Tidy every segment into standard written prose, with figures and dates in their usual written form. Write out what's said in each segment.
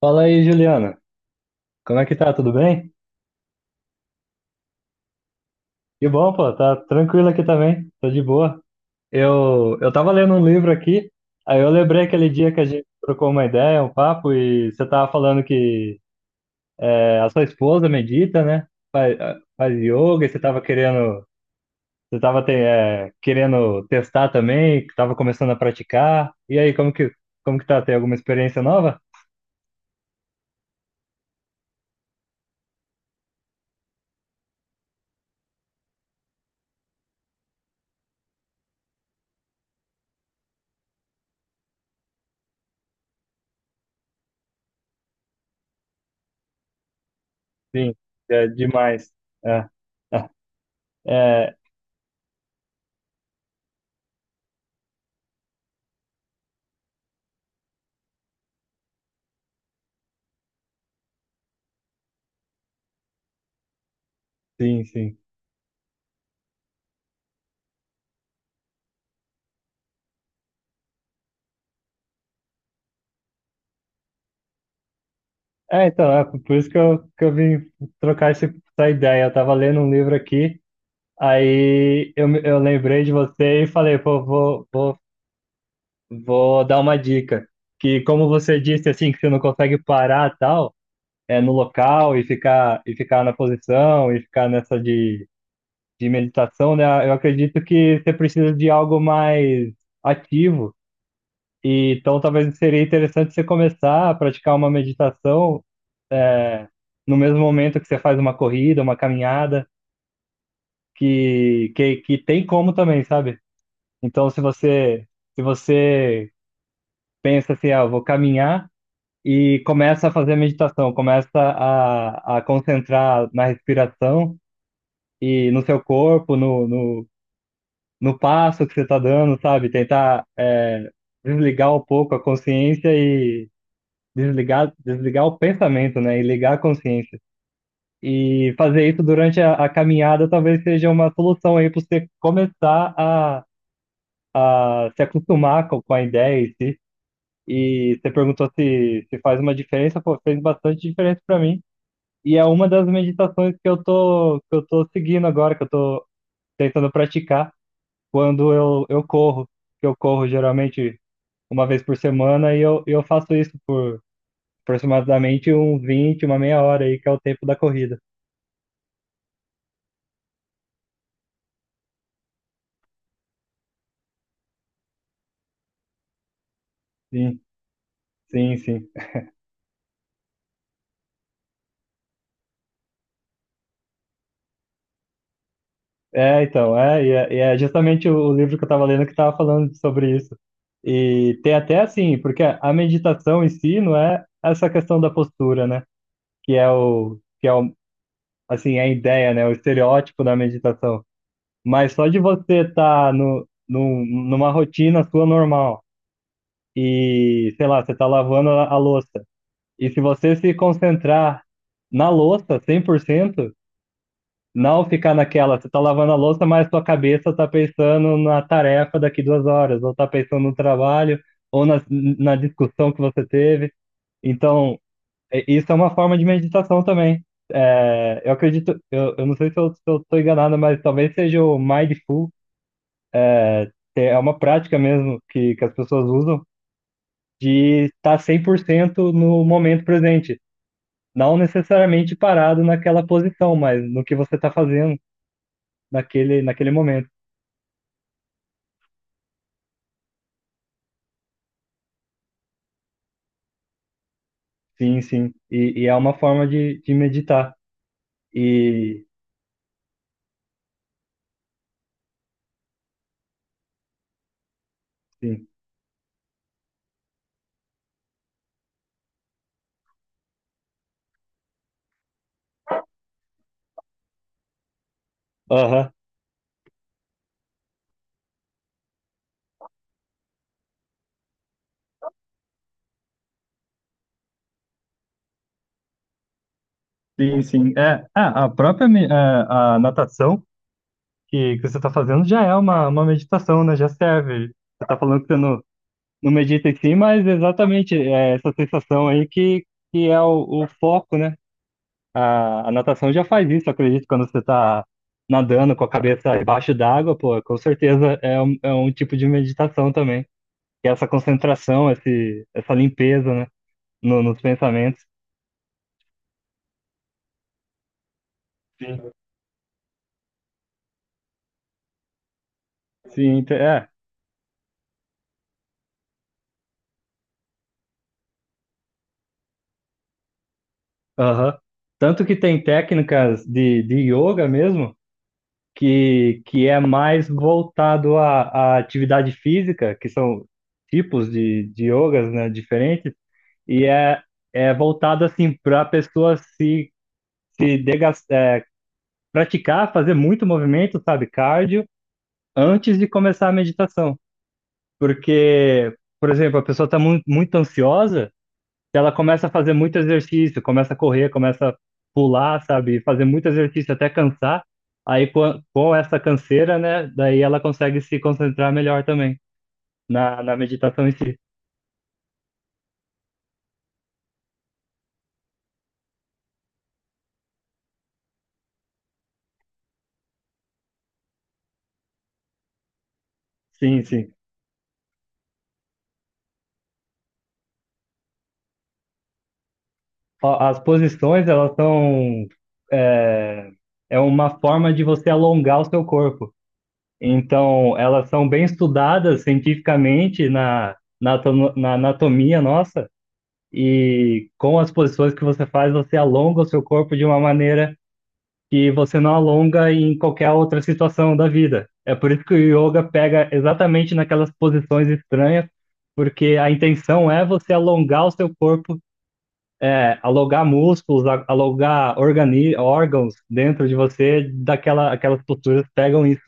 Fala aí, Juliana. Como é que tá? Tudo bem? Que bom, pô. Tá tranquilo aqui também. Tô de boa. Eu tava lendo um livro aqui, aí eu lembrei aquele dia que a gente trocou uma ideia, um papo, e você tava falando que é, a sua esposa medita, né? Faz, faz yoga, e você tava querendo, você tava querendo testar também, que tava começando a praticar. E aí, como que tá? Tem alguma experiência nova? Sim, é demais. É, é, sim, sim. É, então, é por isso que eu vim trocar essa ideia. Eu tava lendo um livro aqui, aí eu lembrei de você e falei, pô, vou dar uma dica. Que como você disse, assim, que você não consegue parar tal, é no local e ficar na posição e ficar nessa de meditação, né? Eu acredito que você precisa de algo mais ativo. E, então, talvez seria interessante você começar a praticar uma meditação no mesmo momento que você faz uma corrida, uma caminhada, que tem como também, sabe? Então, se você pensa assim, ah, eu vou caminhar e começa a fazer meditação, começa a concentrar na respiração e no seu corpo, no passo que você está dando, sabe? Tentar desligar um pouco a consciência e desligar o pensamento, né? E ligar a consciência. E fazer isso durante a caminhada talvez seja uma solução aí para você começar a se acostumar com a ideia em si. E você perguntou se, se faz uma diferença, pô, fez bastante diferença para mim. E é uma das meditações que eu tô seguindo agora, que eu tô tentando praticar quando eu corro. Eu corro geralmente uma vez por semana e eu faço isso por aproximadamente uns 20 uma meia hora aí, que é o tempo da corrida. Sim, sim, sim. É, então, e é justamente o livro que eu estava lendo que estava falando sobre isso. E tem até assim, porque a meditação em si não é essa questão da postura, né? Que é o, que é o, assim, a ideia, né? O estereótipo da meditação. Mas só de você estar no, num- numa rotina sua normal e, sei lá, você está lavando a louça. E se você se concentrar na louça 100%. Não ficar naquela, você tá lavando a louça, mas sua cabeça tá pensando na tarefa daqui duas horas, ou tá pensando no trabalho, ou na discussão que você teve. Então, isso é uma forma de meditação também. É, eu acredito, eu não sei se eu tô enganado, mas talvez seja o Mindful, que é uma prática mesmo que as pessoas usam, de estar 100% no momento presente. Não necessariamente parado naquela posição, mas no que você está fazendo naquele momento. Sim, sim. E é uma forma de meditar. E sim. Aham. Sim, sim. É, ah, a natação que você está fazendo já é uma meditação, né? Já serve. Você está falando que você não, não medita em si, mas exatamente é essa sensação aí que é o foco, né? A natação já faz isso, eu acredito, quando você está nadando com a cabeça debaixo d'água, pô, com certeza é um tipo de meditação também. Que é essa concentração, essa limpeza, né? Nos pensamentos. Sim, sim, é. Aham. Tanto que tem técnicas de yoga mesmo, que é mais voltado à, à atividade física, que são tipos de yogas, né, diferentes, e é, é voltado assim para a pessoa se, se degas- é, praticar, fazer muito movimento, sabe, cardio, antes de começar a meditação. Porque, por exemplo, a pessoa está muito ansiosa se ela começa a fazer muito exercício, começa a correr, começa a pular, sabe? Fazer muito exercício até cansar. Aí com essa canseira, né? Daí ela consegue se concentrar melhor também na, na meditação em si. Sim, sim. Ó, as posições, elas são. É, é uma forma de você alongar o seu corpo. Então, elas são bem estudadas cientificamente na anatomia nossa. E com as posições que você faz, você alonga o seu corpo de uma maneira que você não alonga em qualquer outra situação da vida. É por isso que o yoga pega exatamente naquelas posições estranhas, porque a intenção é você alongar o seu corpo, é, alongar músculos, a- alongar organi órgãos dentro de você, aquelas posturas pegam isso.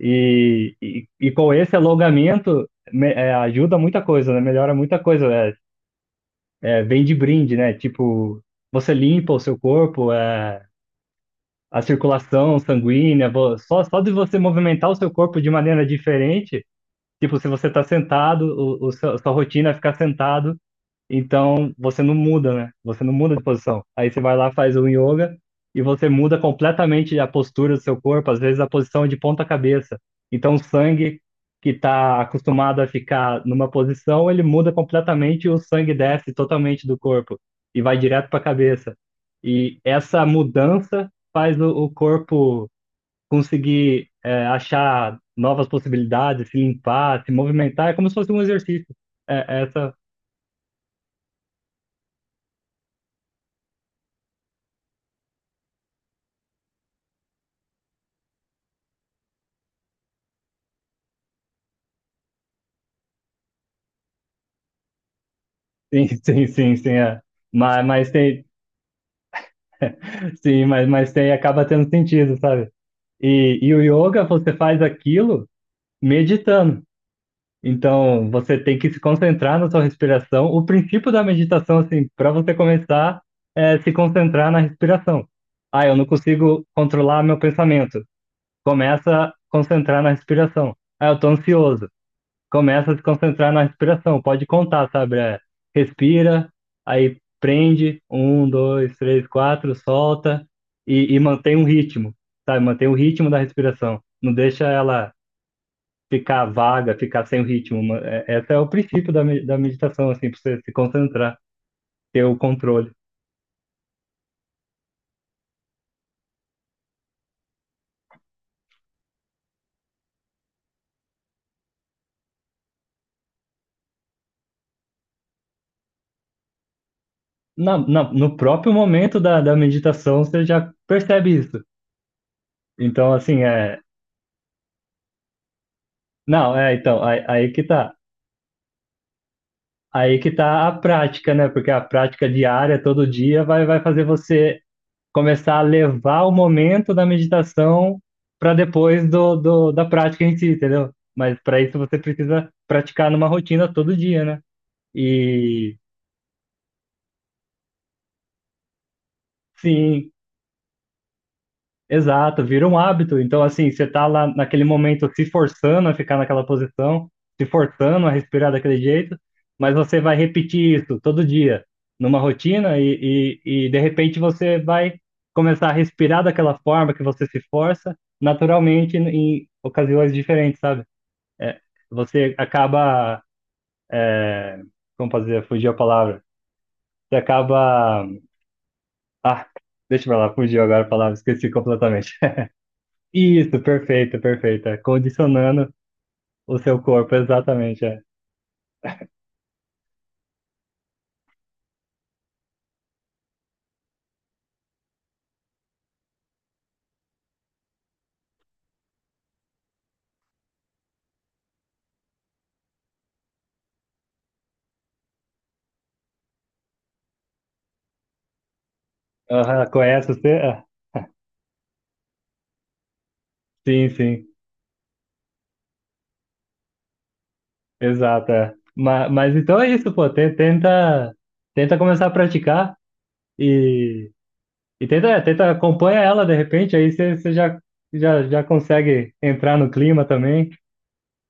E com esse alongamento ajuda muita coisa, né? Melhora muita coisa. É, vem de brinde, né? Tipo, você limpa o seu corpo, é, a circulação sanguínea, só de você movimentar o seu corpo de maneira diferente, tipo, se você está sentado, o seu- a sua rotina é ficar sentado, então você não muda, né? Você não muda de posição. Aí você vai lá, faz o yoga e você muda completamente a postura do seu corpo, às vezes a posição de ponta cabeça. Então o sangue que está acostumado a ficar numa posição, ele muda completamente e o sangue desce totalmente do corpo e vai direto para a cabeça. E essa mudança faz o corpo conseguir achar novas possibilidades, se limpar, se movimentar. É como se fosse um exercício. É, essa... Sim, sim, sim, sim, é. Mas, mas tem, sim, mas tem, acaba tendo sentido, sabe? E o yoga, você faz aquilo meditando. Então, você tem que se concentrar na sua respiração. O princípio da meditação, assim, para você começar, é se concentrar na respiração. Ah, eu não consigo controlar meu pensamento. Começa a concentrar na respiração. Ah, eu tô ansioso. Começa a se concentrar na respiração. Pode contar, sabe? É, respira, aí prende, um, dois, três, quatro, solta e mantém um ritmo, sabe? Mantém o ritmo da respiração. Não deixa ela ficar vaga, ficar sem o ritmo. Esse é o princípio da, da meditação, assim, para você se concentrar, ter o controle. No próprio momento da, da meditação, você já percebe isso. Então, assim, é. Não, é, então, aí que tá. Aí que tá a prática, né? Porque a prática diária, todo dia, vai fazer você começar a levar o momento da meditação para depois da prática em si, entendeu? Mas para isso você precisa praticar numa rotina todo dia, né? E sim, exato, vira um hábito. Então, assim, você tá lá naquele momento se forçando a ficar naquela posição, se forçando a respirar daquele jeito, mas você vai repetir isso todo dia, numa rotina, e de repente você vai começar a respirar daquela forma que você se força, naturalmente, em ocasiões diferentes, sabe? É, você acaba. É, como fazer? Fugiu a palavra. Você acaba. Ah, deixa pra lá, fugiu agora a palavra, esqueci completamente. Isso, perfeito, perfeito. É, condicionando o seu corpo, exatamente. É. Aham, conhece você? É. Sim, sim, exato. É. Mas então é isso, pô. Tenta, tenta começar a praticar e, e tenta, é, tenta acompanha ela de repente, aí você já, já consegue entrar no clima também.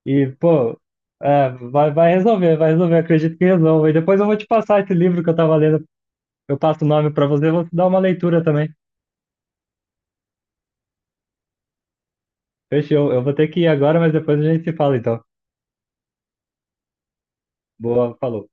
E, pô, é, vai resolver, vai resolver. Acredito que resolva. E depois eu vou te passar esse livro que eu tava lendo. Eu passo o nome pra você, vou te dar uma leitura também. Fechou. Eu vou ter que ir agora, mas depois a gente se fala, então. Boa, falou.